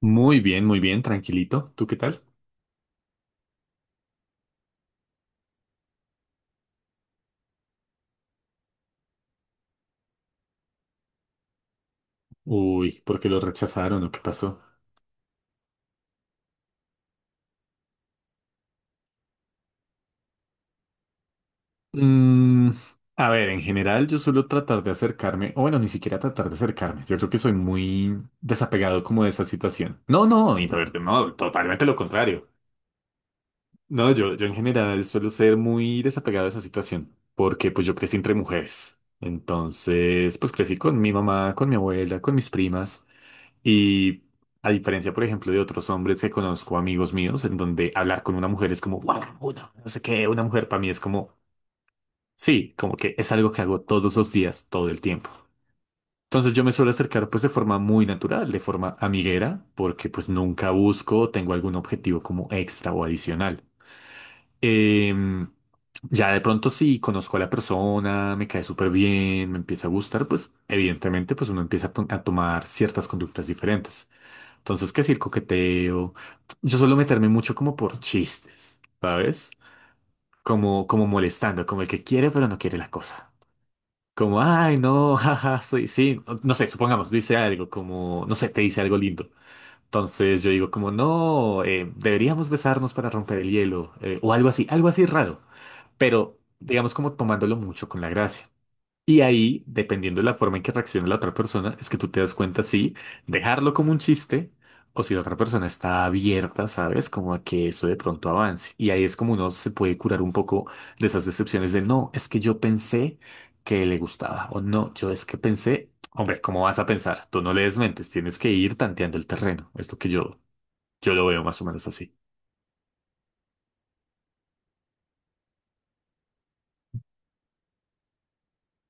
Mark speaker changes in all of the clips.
Speaker 1: Muy bien, tranquilito. ¿Tú qué tal? Uy, ¿por qué lo rechazaron o qué pasó? Mm, a ver, en general yo suelo tratar de acercarme, o bueno, ni siquiera tratar de acercarme. Yo creo que soy muy desapegado como de esa situación. No, no, introvertido, no, totalmente lo contrario. No, yo en general suelo ser muy desapegado de esa situación, porque pues yo crecí entre mujeres. Entonces, pues crecí con mi mamá, con mi abuela, con mis primas. Y a diferencia, por ejemplo, de otros hombres que conozco, amigos míos, en donde hablar con una mujer es como, wow, no sé qué, una mujer para mí es como, sí, como que es algo que hago todos los días, todo el tiempo. Entonces yo me suelo acercar pues de forma muy natural, de forma amiguera, porque pues nunca busco, o tengo algún objetivo como extra o adicional. Em, ya de pronto si conozco a la persona, me cae súper bien, me empieza a gustar, pues evidentemente pues uno empieza a tomar ciertas conductas diferentes. Entonces, ¿qué es el coqueteo? Yo suelo meterme mucho como por chistes, ¿sabes? Como, como molestando, como el que quiere pero no quiere la cosa. Como, ay, no, jaja, soy, sí, no, no sé, supongamos, dice algo, como, no sé, te dice algo lindo. Entonces yo digo como, no, deberíamos besarnos para romper el hielo, o algo así raro, pero digamos como tomándolo mucho con la gracia. Y ahí, dependiendo de la forma en que reaccione la otra persona, es que tú te das cuenta si dejarlo como un chiste o si la otra persona está abierta, ¿sabes? Como a que eso de pronto avance. Y ahí es como uno se puede curar un poco de esas decepciones de no, es que yo pensé que le gustaba o no, yo es que pensé, hombre, ¿cómo vas a pensar? Tú no le desmentes, tienes que ir tanteando el terreno. Es lo que yo lo veo más o menos así.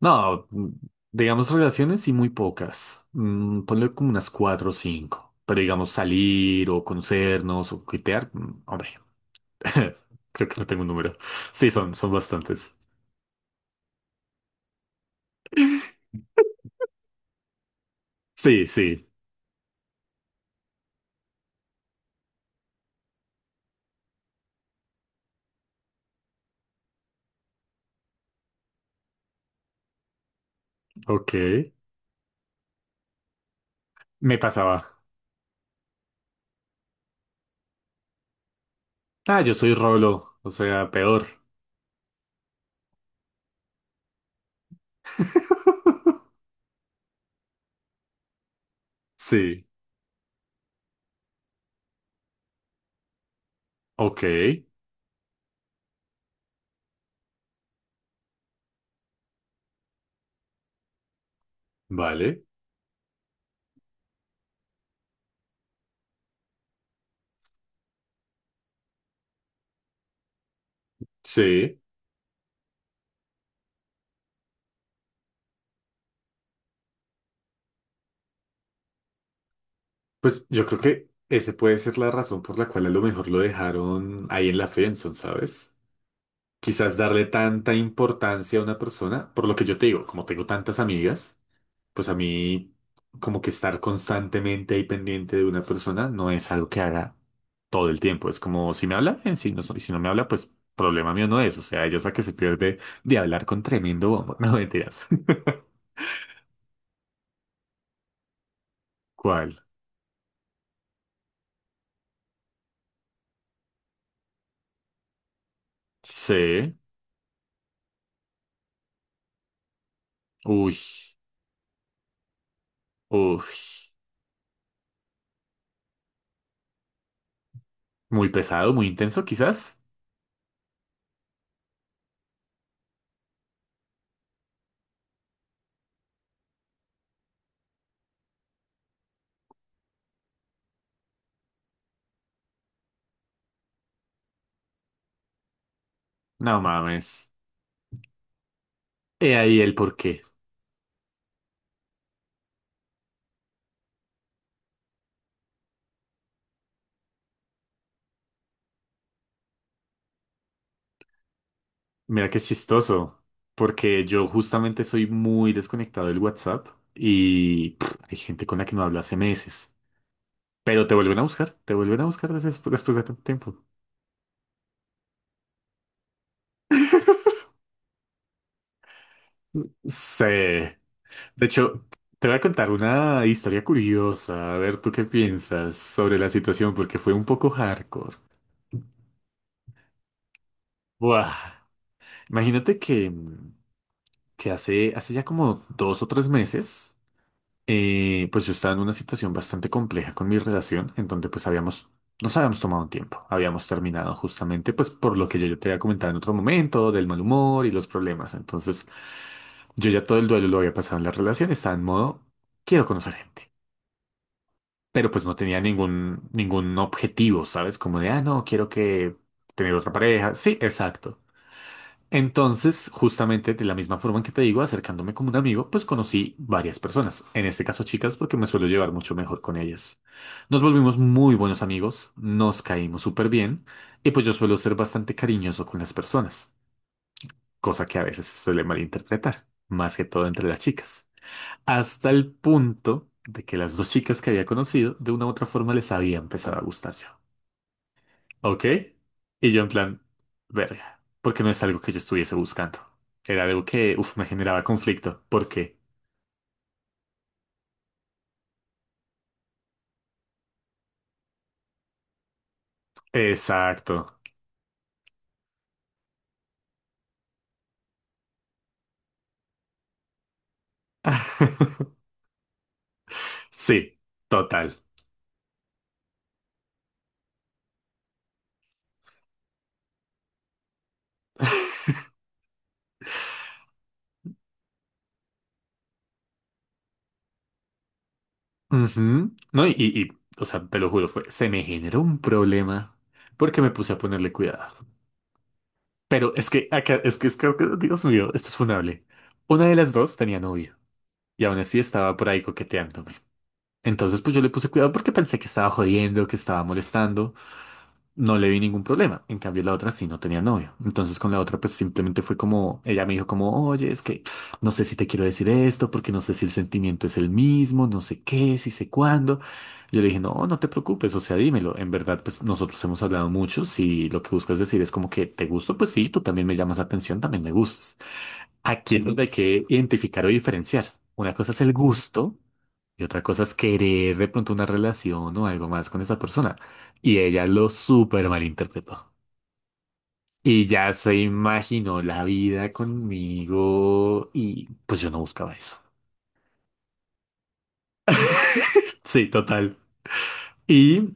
Speaker 1: No, digamos relaciones y muy pocas. Ponle como unas 4 o 5. Pero digamos salir o conocernos o coquetear, hombre, creo que no tengo un número. Sí, son bastantes. Sí, sí, ok. Me pasaba. Ah, yo soy Rolo, o sea, peor. Sí, ok, vale, sí. Pues yo creo que ese puede ser la razón por la cual a lo mejor lo dejaron ahí en la friendzone, ¿sabes? Quizás darle tanta importancia a una persona, por lo que yo te digo, como tengo tantas amigas, pues a mí como que estar constantemente ahí pendiente de una persona no es algo que haga todo el tiempo. Es como si me habla, bien, si no, si no me habla, pues problema mío no es. O sea, ella es la que se pierde de hablar con tremendo bombo. No mentiras. ¿Cuál? Sí. Uy. Uy. Muy pesado, muy intenso, quizás. No mames. He ahí el porqué. Mira qué chistoso, porque yo justamente soy muy desconectado del WhatsApp y pff, hay gente con la que no hablo hace meses. Pero te vuelven a buscar, te vuelven a buscar después de tanto tiempo. Sí. De hecho, te voy a contar una historia curiosa, a ver tú qué piensas sobre la situación, porque fue un poco hardcore. Buah. Imagínate que, hace ya como 2 o 3 meses. Pues yo estaba en una situación bastante compleja con mi relación, en donde pues nos habíamos tomado un tiempo, habíamos terminado justamente pues por lo que yo te había comentado en otro momento, del mal humor y los problemas. Entonces, yo ya todo el duelo lo había pasado en la relación, estaba en modo, quiero conocer gente, pero pues no tenía ningún objetivo, ¿sabes? Como de, ah, no, quiero que tener otra pareja. Sí, exacto. Entonces, justamente de la misma forma en que te digo, acercándome como un amigo, pues conocí varias personas, en este caso chicas, porque me suelo llevar mucho mejor con ellas. Nos volvimos muy buenos amigos, nos caímos súper bien, y pues yo suelo ser bastante cariñoso con las personas, cosa que a veces se suele malinterpretar, más que todo entre las chicas. Hasta el punto de que las dos chicas que había conocido, de una u otra forma les había empezado a gustar yo. Ok. Y yo en plan, verga, porque no es algo que yo estuviese buscando. Era algo que, uff, me generaba conflicto. ¿Por qué? Exacto. Sí, total. Ujú. No, o sea, te lo juro, fue, se me generó un problema porque me puse a ponerle cuidado. Pero es que, acá, es que, Dios mío, esto es funable. Una de las dos tenía novio y aún así estaba por ahí coqueteándome. Entonces, pues yo le puse cuidado porque pensé que estaba jodiendo, que estaba molestando. No le vi ningún problema. En cambio, la otra sí no tenía novio. Entonces con la otra pues simplemente fue como, ella me dijo como, oye, es que no sé si te quiero decir esto, porque no sé si el sentimiento es el mismo, no sé qué, si sé cuándo. Yo le dije, no, no te preocupes, o sea, dímelo. En verdad, pues nosotros hemos hablado mucho. Si lo que buscas decir es como que te gusto, pues sí, tú también me llamas la atención, también me gustas. Aquí es donde hay que identificar o diferenciar. Una cosa es el gusto. Y otra cosa es querer de pronto una relación o algo más con esa persona. Y ella lo súper malinterpretó. Y ya se imaginó la vida conmigo y pues yo no buscaba eso. Sí, total. Y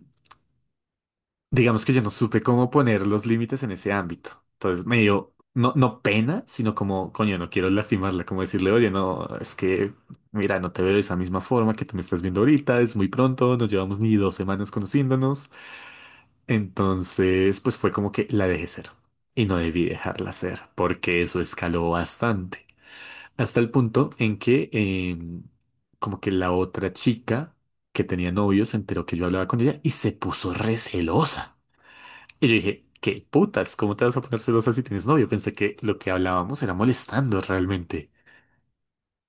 Speaker 1: digamos que yo no supe cómo poner los límites en ese ámbito. Entonces me dio no, no pena, sino como, coño, no quiero lastimarla, como decirle, oye, no, es que, mira, no te veo de esa misma forma que tú me estás viendo ahorita, es muy pronto, nos llevamos ni 2 semanas conociéndonos. Entonces, pues fue como que la dejé ser. Y no debí dejarla ser, porque eso escaló bastante. Hasta el punto en que em, como que la otra chica que tenía novio se enteró que yo hablaba con ella y se puso recelosa. Y yo dije, ¿qué putas? ¿Cómo te vas a poner celosa si tienes novio? Pensé que lo que hablábamos era molestando realmente.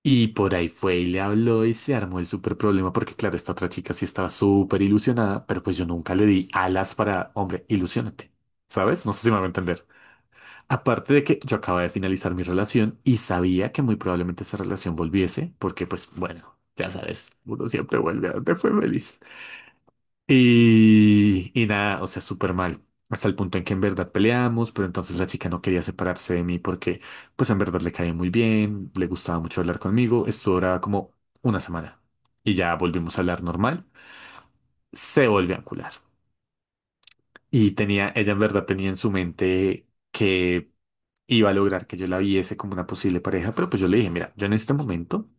Speaker 1: Y por ahí fue y le habló y se armó el súper problema porque claro, esta otra chica sí estaba súper ilusionada, pero pues yo nunca le di alas para, hombre, ilusiónate, ¿sabes? No sé si me va a entender. Aparte de que yo acababa de finalizar mi relación y sabía que muy probablemente esa relación volviese porque pues bueno, ya sabes, uno siempre vuelve a donde fue feliz. Y nada, o sea, súper mal. Hasta el punto en que en verdad peleamos, pero entonces la chica no quería separarse de mí porque, pues en verdad le caía muy bien, le gustaba mucho hablar conmigo. Esto duraba como una semana. Y ya volvimos a hablar normal. Se volvió a encular. Y tenía, ella en verdad tenía en su mente que iba a lograr que yo la viese como una posible pareja, pero pues yo le dije, mira, yo en este momento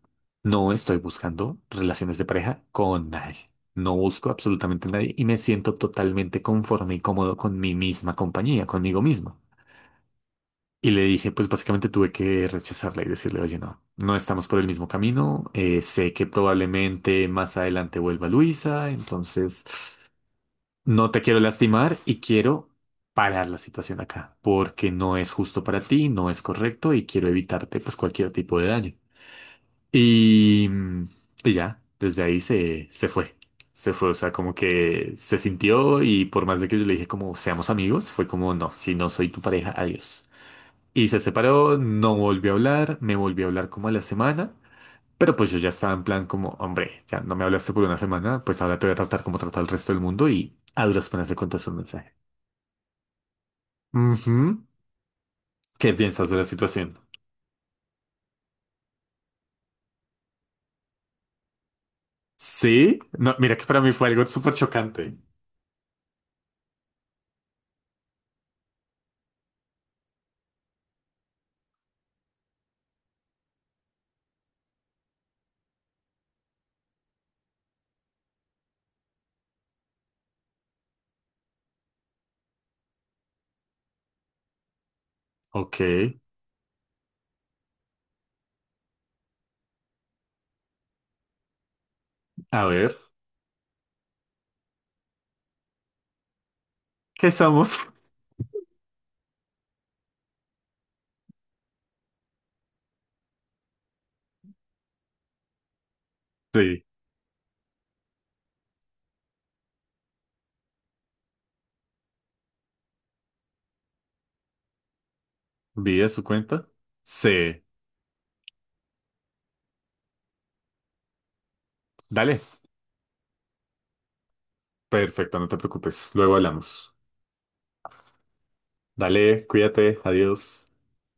Speaker 1: no estoy buscando relaciones de pareja con nadie. No busco absolutamente a nadie y me siento totalmente conforme y cómodo con mi misma compañía, conmigo mismo. Y le dije, pues básicamente tuve que rechazarla y decirle, oye, no, no estamos por el mismo camino. Sé que probablemente más adelante vuelva Luisa, entonces no te quiero lastimar y quiero parar la situación acá, porque no es justo para ti, no es correcto y quiero evitarte pues cualquier tipo de daño. Y, y ya, desde ahí se fue. Se fue, o sea, como que se sintió y por más de que yo le dije como seamos amigos, fue como no, si no soy tu pareja, adiós. Y se separó, no volvió a hablar, me volvió a hablar como a la semana, pero pues yo ya estaba en plan como, hombre, ya no me hablaste por una semana, pues ahora te voy a tratar como trata el resto del mundo y a duras penas le contaste un mensaje. Ujú. ¿Qué piensas de la situación? Sí, no, mira que para mí fue algo súper chocante. Ok, a ver, ¿qué somos? Sí, vi de su cuenta. Sí, dale, perfecto, no te preocupes, luego hablamos. Dale, cuídate, adiós.